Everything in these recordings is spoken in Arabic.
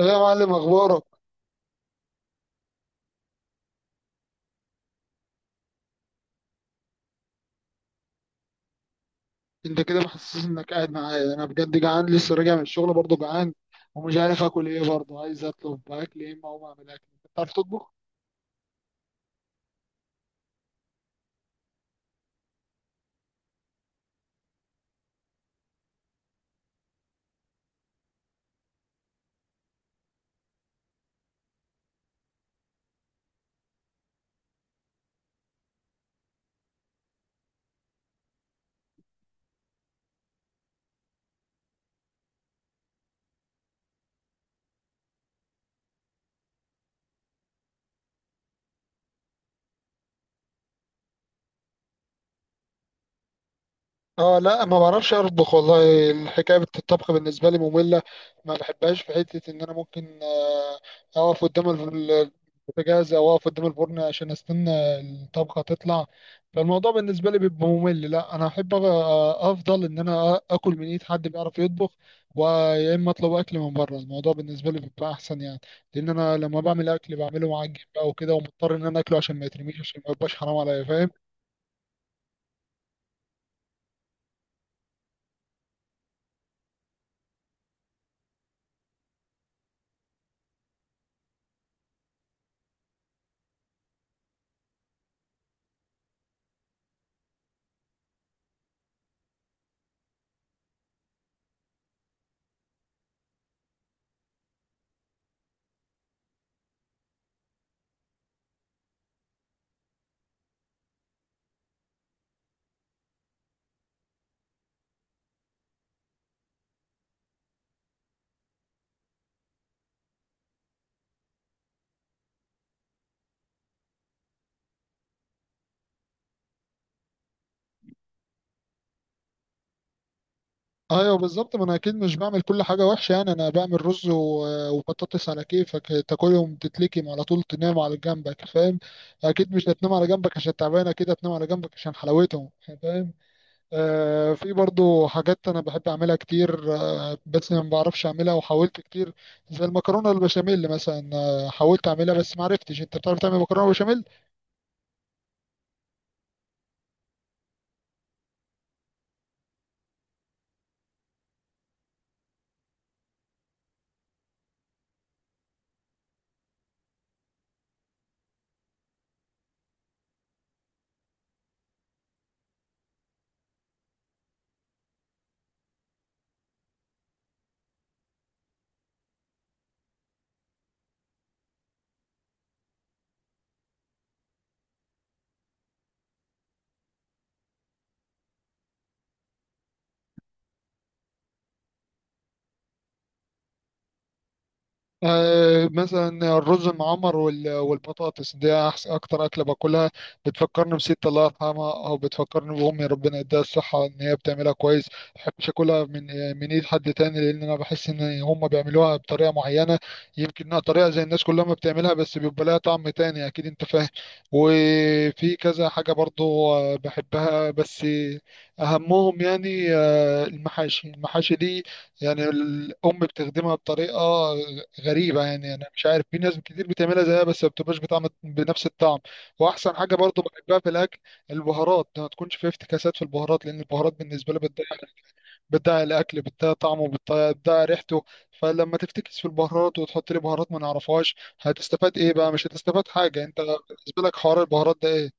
يا معلم، اخبارك؟ انت كده محسس انك قاعد معايا، انا بجد جعان لسه راجع من الشغل برضه جعان، ومش عارف اكل ايه، برضه عايز اطلب اكل ايه، ما هو اعمل اكل. انت بتعرف تطبخ؟ اه لا، ما بعرفش اطبخ والله. الحكايه الطبخ بالنسبه لي ممله، ما بحبهاش. في حته ان انا ممكن اقف قدام البوتاجاز او اقف قدام الفرن عشان استنى الطبخه تطلع، فالموضوع بالنسبه لي بيبقى ممل. لا انا احب افضل ان انا اكل من ايد حد بيعرف يطبخ، ويا اما اطلب اكل من بره، الموضوع بالنسبه لي بيبقى احسن يعني، لان انا لما بعمل اكل بعمله معجن بقى وكده، ومضطر ان انا اكله عشان ما يترميش، عشان ما يبقاش حرام عليا، فاهم؟ ايوه بالظبط، ما انا اكيد مش بعمل كل حاجه وحشه، يعني انا بعمل رز وبطاطس، على كيفك تاكلهم تتلكم على طول، تنام على جنبك، فاهم؟ اكيد مش هتنام على جنبك عشان تعبان، اكيد هتنام على جنبك عشان حلاوتهم، فاهم؟ آه، في برضو حاجات انا بحب اعملها كتير، آه بس ما بعرفش اعملها، وحاولت كتير، زي المكرونه البشاميل مثلا، آه حاولت اعملها بس ما عرفتش. انت بتعرف تعمل مكرونه بشاميل؟ آه، مثلا الرز المعمر والبطاطس دي اكتر اكله باكلها، بتفكرني بست الله يرحمها، او بتفكرني بامي ربنا يديها الصحه، ان هي بتعملها كويس. ما بحبش اكلها من من ايد حد تاني، لان انا بحس ان هم بيعملوها بطريقه معينه، يمكن انها طريقه زي الناس كلها ما بتعملها، بس بيبقى لها طعم تاني اكيد، انت فاهم؟ وفي كذا حاجه برضو آه، بحبها، بس اهمهم يعني آه، المحاشي. المحاشي دي يعني الام بتخدمها بطريقه غريبة، يعني أنا مش عارف، في ناس كتير بتعملها زيها بس ما بتبقاش بطعم، بنفس الطعم. وأحسن حاجة برضو بحبها في الأكل، البهارات ما تكونش فيها افتكاسات في البهارات، لأن البهارات بالنسبة لي بتضيع، بتضيع الأكل، بتضيع طعمه، بتضيع ريحته. فلما تفتكس في البهارات وتحط لي بهارات ما نعرفهاش، هتستفاد إيه بقى؟ مش هتستفاد حاجة. أنت بالنسبة لك حوار البهارات ده إيه؟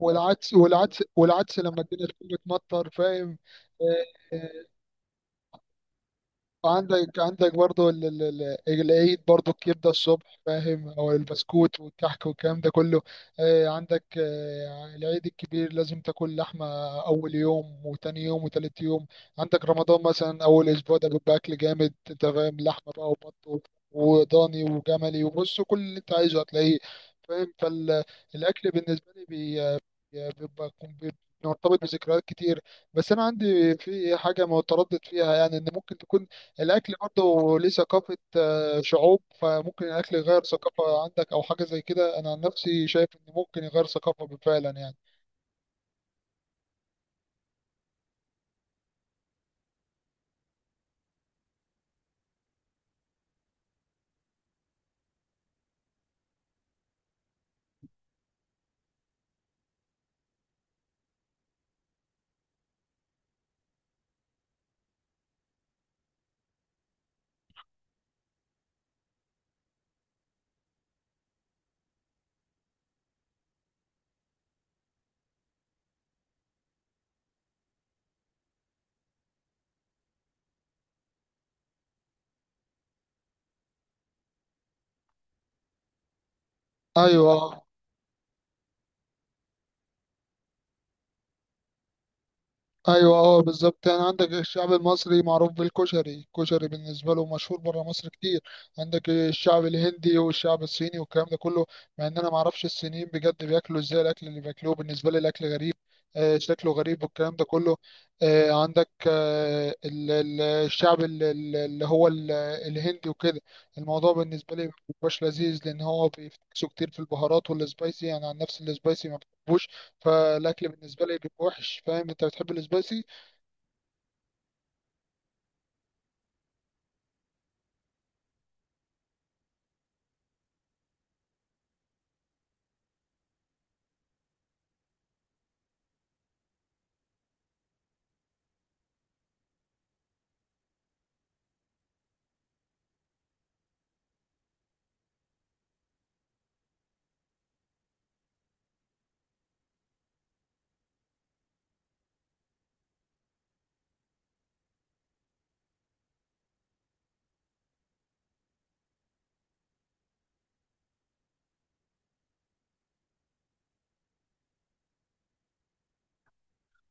والعدس والعدس والعدس لما الدنيا تكون بتمطر، فاهم؟ آه، آه. عندك برضو العيد برضو، الكبدة الصبح فاهم، أو البسكوت والكحك والكلام ده كله. آه، عندك آه، العيد الكبير لازم تاكل لحمة أول يوم وتاني يوم وتالت يوم. عندك رمضان مثلا، أول أسبوع ده بيبقى أكل جامد، أنت فاهم، لحمة بقى وبط وضاني وجملي، وبص كل اللي أنت عايزه هتلاقيه، فاهم؟ فالأكل بالنسبة لي بيبقى مرتبط بذكريات كتير. بس انا عندي في حاجه متردد فيها، يعني ان ممكن تكون الاكل برضه ليه ثقافه آه، شعوب، فممكن الاكل يغير ثقافه عندك او حاجه زي كده. انا عن نفسي شايف ان ممكن يغير ثقافه فعلا يعني. ايوه، ايوه اه بالظبط، يعني عندك الشعب المصري معروف بالكشري، الكشري بالنسبه له مشهور بره مصر كتير. عندك الشعب الهندي والشعب الصيني والكلام ده كله، مع ان انا ما اعرفش الصينيين بجد بياكلوا ازاي، الاكل اللي بياكلوه بالنسبه لي الاكل غريب، آه شكله غريب والكلام ده كله. آه عندك آه الشعب اللي هو الهندي وكده، الموضوع بالنسبه لي مبيبقاش لذيذ، لان هو بيفتكسوا كتير في البهارات والسبايسي، يعني عن نفس السبايسي ما بحبوش، فالاكل بالنسبه لي بيبقى وحش، فاهم؟ انت بتحب السبايسي؟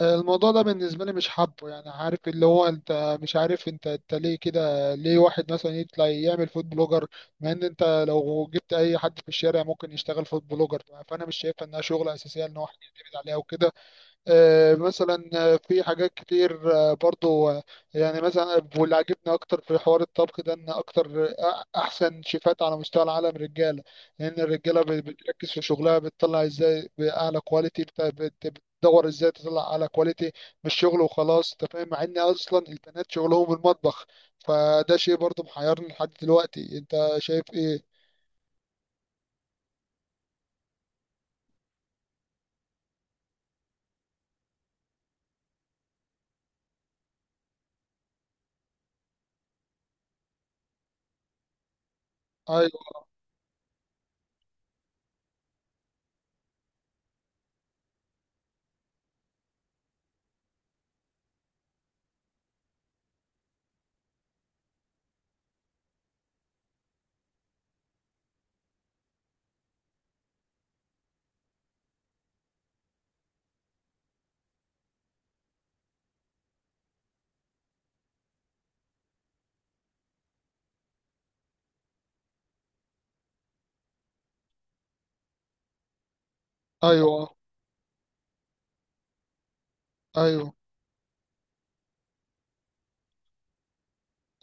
آه، الموضوع ده بالنسبه لي مش حابه يعني، عارف اللي هو انت مش عارف، انت ليه كده، ليه واحد مثلا يطلع يعمل فود بلوجر؟ مع ان انت لو جبت اي حد في الشارع ممكن يشتغل فود بلوجر، فانا مش شايفها انها شغله اساسيه ان هو واحد يعتمد عليها وكده. آه، مثلا آه، في حاجات كتير آه، برضو آه، يعني مثلا، واللي عجبني اكتر في حوار الطبخ ده، ان اكتر آه، احسن شيفات على مستوى العالم رجاله، لان الرجاله بتركز في شغلها، بتطلع ازاي باعلى كواليتي، بتدور ازاي تطلع اعلى كواليتي من الشغل وخلاص، انت فاهم. مع ان اصلا البنات شغلهم المطبخ، فده شيء برضو محيرني لحد دلوقتي. انت شايف ايه؟ ايوه، ايوه، ايوه،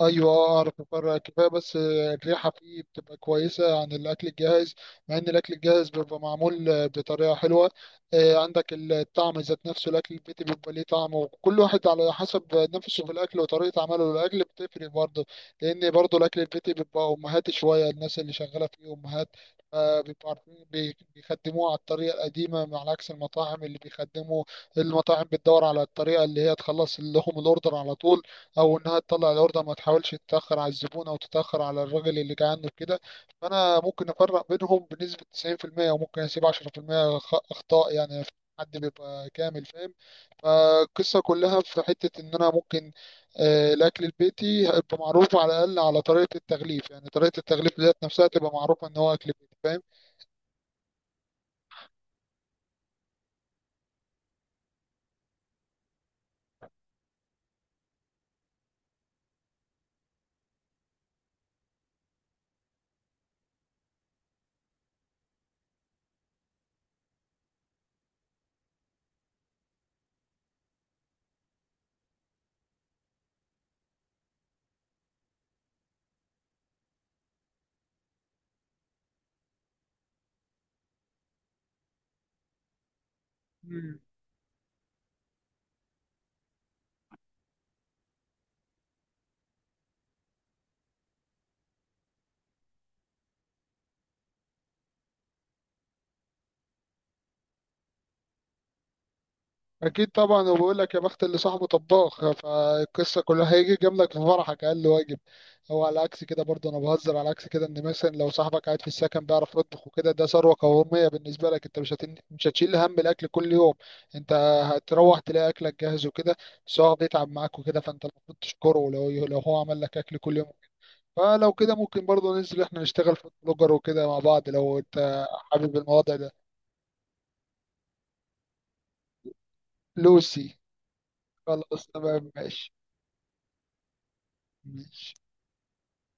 ايوه. آه، اعرف افرق كفايه، بس آه، الريحه فيه بتبقى كويسه عن الاكل الجاهز، مع ان الاكل الجاهز بيبقى معمول آه، بطريقه حلوه. آه، عندك الطعم ذات نفسه، الاكل البيتي بيبقى ليه طعم، وكل واحد على حسب نفسه في الاكل، وطريقه عمله للاكل بتفرق برضه، لان برضه الاكل البيتي بيبقى امهات شويه، الناس اللي شغاله فيه امهات، آه، بيبقوا عارفين بيخدموه على الطريقه القديمه، على عكس المطاعم اللي بيخدموا. المطاعم بتدور على الطريقه اللي هي تخلص لهم الاوردر على طول، او انها تطلع الاوردر ما تحاولش تتاخر على الزبون او تتاخر على الراجل اللي جاي عنده كده. فانا ممكن افرق بينهم بنسبه 90%، وممكن اسيب 10% اخطاء يعني، حد بيبقى كامل فاهم. فالقصه كلها في حته ان انا ممكن آه، الاكل البيتي هيبقى معروف على الاقل على طريقه التغليف، يعني طريقه التغليف ديت نفسها تبقى معروفه ان هو اكل بيتي، فاهم؟ اكيد طبعا، وبقول لك يا بخت اللي صاحبه طباخ، فالقصه كلها هيجي جنبك في فرحك اقل واجب، هو على عكس كده برضه انا بهزر. على عكس كده، ان مثلا لو صاحبك قاعد في السكن بيعرف يطبخ وكده، ده ثروه قوميه بالنسبه لك، انت مش مش هتشيل هم الاكل كل يوم، انت هتروح تلاقي اكلك جاهز وكده، بس هو بيتعب معاك وكده، فانت المفروض تشكره لو هو عمل لك اكل كل يوم. فلو كده ممكن برضه ننزل احنا نشتغل في بلوجر وكده مع بعض، لو انت حابب الموضوع ده. لوسي. خلاص تمام ماشي. ماشي.